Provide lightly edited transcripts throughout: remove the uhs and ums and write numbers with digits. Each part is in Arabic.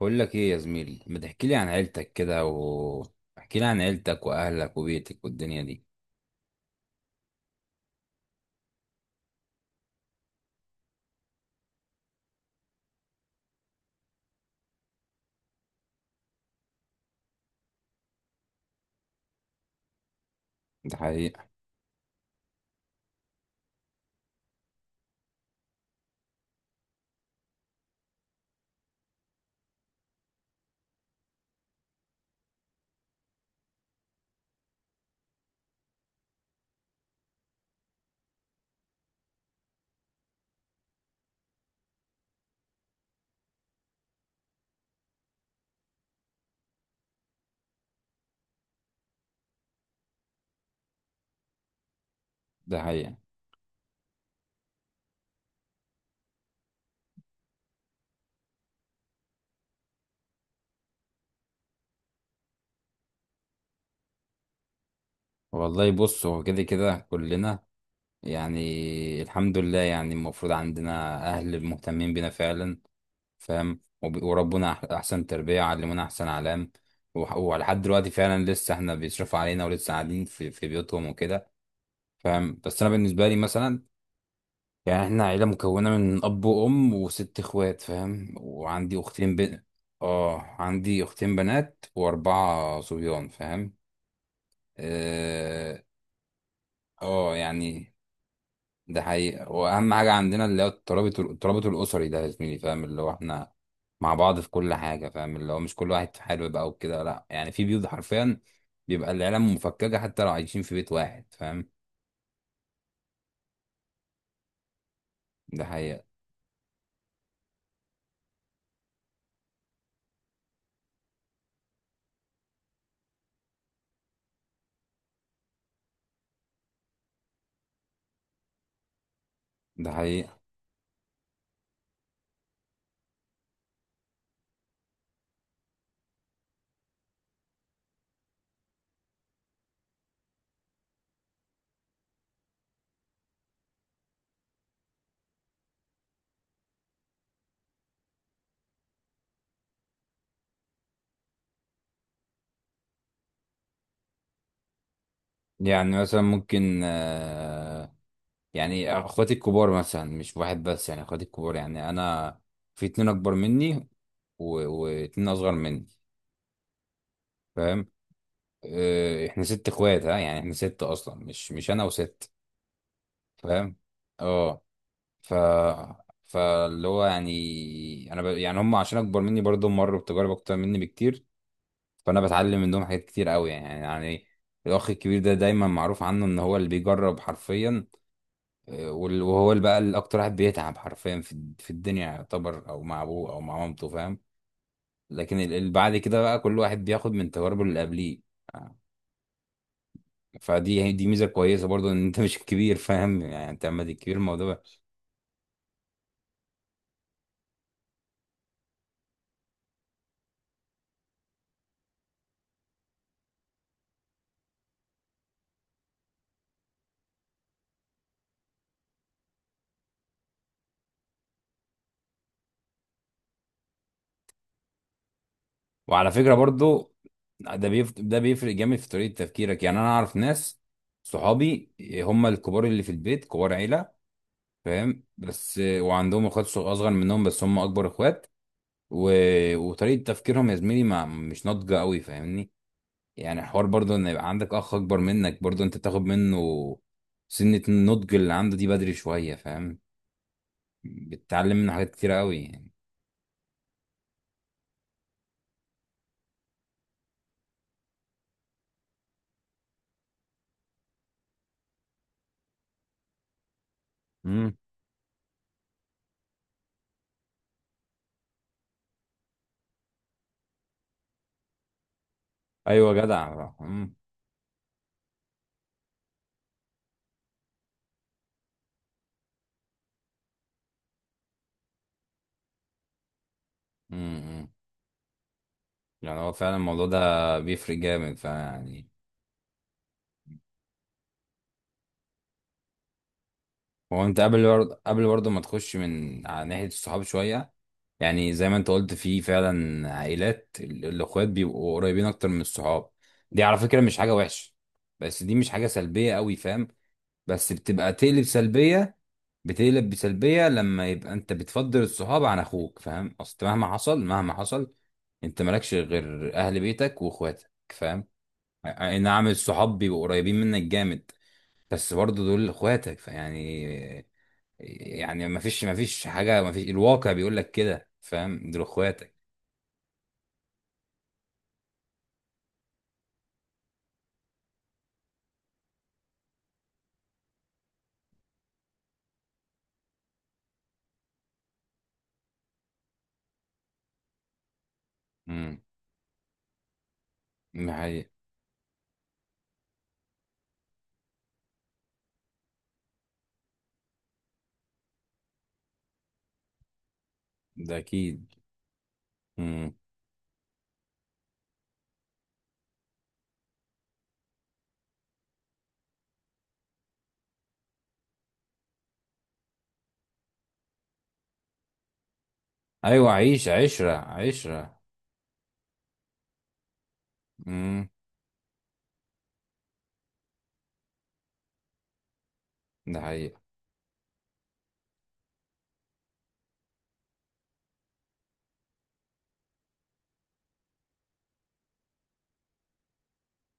بقول لك ايه يا زميلي، ما تحكي لي عن عيلتك كده و احكي لي عن عيلتك واهلك وبيتك والدنيا دي. ده حقيقة. ده حقيقة. والله بص، هو كده كده كلنا يعني الحمد لله. يعني المفروض عندنا اهل مهتمين بينا فعلا، فاهم. وربنا احسن تربية علمونا، احسن علام. ولحد دلوقتي فعلا لسه احنا بيصرفوا علينا، ولسه قاعدين في بيوتهم وكده، فاهم. بس انا بالنسبة لي مثلا يعني احنا عيلة مكونة من أب وأم وست إخوات، فاهم. وعندي أختين بنت. اه، عندي أختين بنات وأربعة صبيان، فاهم. اه. آه، يعني ده حقيقة. وأهم حاجة عندنا اللي هو الترابط، الترابط الأسري ده يا زميلي، فاهم. اللي هو احنا مع بعض في كل حاجة، فاهم. اللي هو مش كل واحد في حاله بقى وكده. لأ يعني في بيوت حرفيا بيبقى العيلة مفككة حتى لو عايشين في بيت واحد، فاهم. ده حقيقة. ده حقيقة. يعني مثلا ممكن، آه، يعني اخواتي الكبار مثلا، مش واحد بس، يعني اخواتي الكبار. يعني انا في اتنين اكبر مني و... واتنين اصغر مني، فاهم. آه، احنا ست اخوات. ها يعني احنا ست اصلا، مش انا وست. فاهم. اه. ف فاللي هو يعني انا ب... يعني هم، عشان اكبر مني برضه، مروا بتجارب اكتر مني بكتير، فانا بتعلم منهم حاجات كتير قوي. يعني الاخ الكبير ده دايما معروف عنه ان هو اللي بيجرب حرفيا. وهو اللي بقى اللي اكتر واحد بيتعب حرفيا في الدنيا يعتبر، او مع ابوه او مع مامته، فاهم. لكن اللي بعد كده بقى كل واحد بياخد من تجاربه اللي قبليه. فدي ميزه كويسه برضو ان انت مش الكبير، فاهم. يعني انت اما تبقى الكبير الموضوع بقى. وعلى فكره برضو، ده بيفرق جامد في طريقه تفكيرك. يعني انا اعرف ناس، صحابي، هم الكبار اللي في البيت، كبار عيله، فاهم. بس وعندهم اخوات اصغر منهم، بس هم اكبر اخوات و... وطريقه تفكيرهم يا زميلي ما مش ناضجه قوي، فاهمني. يعني حوار برضه ان يبقى عندك اخ اكبر منك، برضه انت بتاخد منه سنة النضج اللي عنده دي بدري شوية، فاهم. بتتعلم منه حاجات كتيرة قوي يعني. امم. ايوه جدع. امم. امم. يعني هو فعلا الموضوع ده بيفرق جامد فيعني. هو انت قبل برضه، قبل برضه ما تخش من على ناحية الصحاب شوية، يعني زي ما انت قلت، في فعلا عائلات الاخوات بيبقوا قريبين اكتر من الصحاب. دي على فكرة مش حاجة وحشة، بس دي مش حاجة سلبية قوي، فاهم. بس بتبقى تقلب سلبية. بتقلب بسلبية لما يبقى انت بتفضل الصحاب عن اخوك، فاهم. اصل مهما حصل، مهما حصل، انت مالكش غير اهل بيتك واخواتك، فاهم. اي نعم، الصحاب بيبقوا قريبين منك جامد، بس برضه دول اخواتك فيعني. يعني ما فيش حاجة، ما فيش، الواقع بيقول لك كده، فاهم، دول اخواتك. امم. ده حقيقي. ده اكيد. امم. ايوه، عيش عشرة، عشرة. امم. ده حقيقي.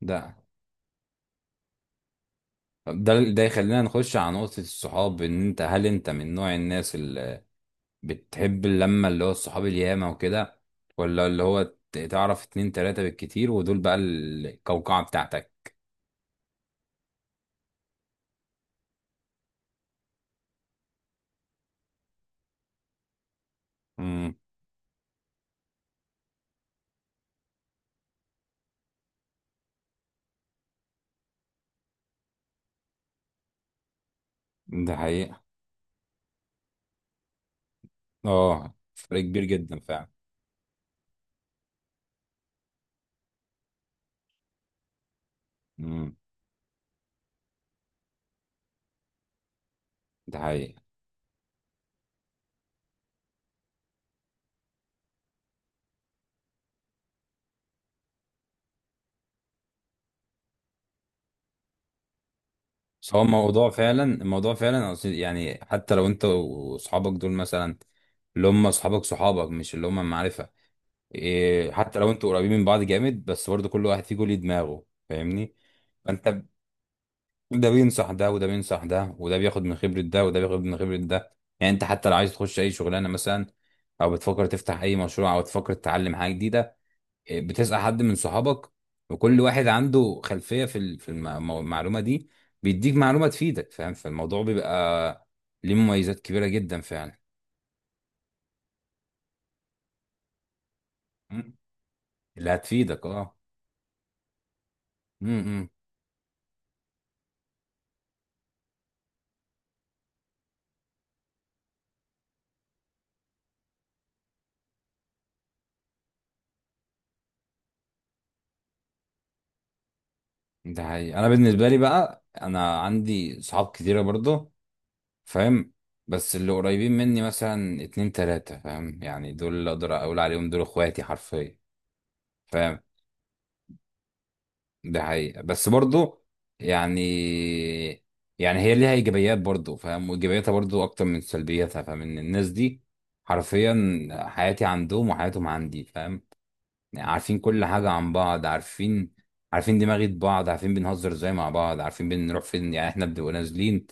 ده ده ده يخلينا نخش على نقطة الصحاب. ان انت هل انت من نوع الناس اللي بتحب اللمة، اللي هو الصحاب الياما وكده، ولا اللي هو تعرف اتنين تلاتة بالكتير، ودول بقى القوقعة بتاعتك. امم. ده حقيقة. اه، فرق كبير جدا فعلا. امم. ده حقيقة. بس هو الموضوع فعلا، الموضوع فعلا أصل يعني حتى لو انت واصحابك دول مثلا، اللي هم اصحابك، صحابك مش اللي هم معرفة. إيه، حتى لو انتوا قريبين من بعض جامد، بس برضه كل واحد فيكم ليه دماغه، فاهمني. فانت ب- ده بينصح ده، وده بينصح ده، وده بياخد من خبرة ده، وده بياخد من خبرة ده. يعني انت حتى لو عايز تخش اي شغلانة مثلا، او بتفكر تفتح اي مشروع، او تفكر تتعلم حاجة جديدة، إيه، بتسأل حد من صحابك، وكل واحد عنده خلفية في المعلومة دي، بيديك معلومة تفيدك، فاهم. فالموضوع بيبقى ليه مميزات كبيرة جدا فعلا. مم. اللي هتفيدك، اه. مم، مم. ده حقيقي. انا بالنسبه لي بقى انا عندي صحاب كتيره برضه، فاهم. بس اللي قريبين مني مثلا اتنين تلاته، فاهم. يعني دول اللي اقدر اقول عليهم دول اخواتي حرفيا، فاهم. ده حقيقي. بس برضه يعني، يعني هي ليها ايجابيات برضه، فاهم. وايجابياتها برضه اكتر من سلبياتها، فاهم. ان الناس دي حرفيا حياتي عندهم وحياتهم عندي، فاهم. يعني عارفين كل حاجة عن بعض، عارفين، عارفين دماغة بعض، عارفين بنهزر ازاي مع بعض، عارفين بنروح فين. يعني احنا بنبقى نازلين،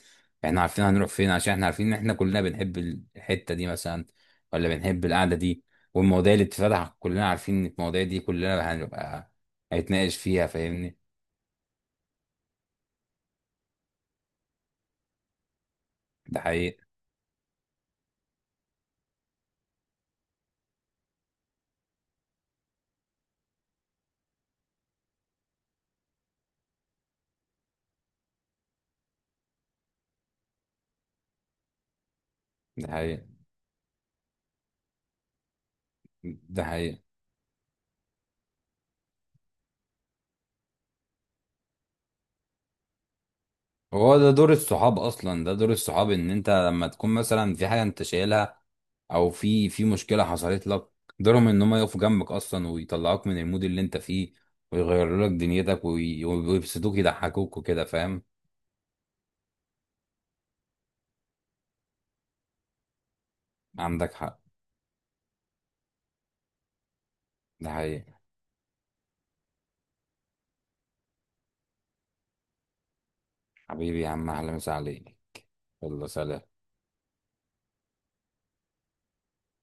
احنا عارفين هنروح فين، عشان احنا عارفين ان احنا كلنا بنحب الحتة دي مثلا، ولا بنحب القعدة دي، والمواضيع اللي بتتفتح كلنا عارفين ان المواضيع دي كلنا هنبقى هنتناقش فيها، فاهمني. ده حقيقي. ده حقيقي. ده حقيقي. هو ده دور الصحاب اصلا. ده دور الصحاب ان انت لما تكون مثلا في حاجة انت شايلها، او في مشكله حصلت لك، قدرهم ان هم يقفوا جنبك اصلا ويطلعوك من المود اللي انت فيه، ويغيروا لك دنيتك ويبسطوك، يضحكوك وكده، فاهم. عندك حق. ده حقيقي. حبيبي يا عم، اهلا وسهلا عليك. يلا سلام.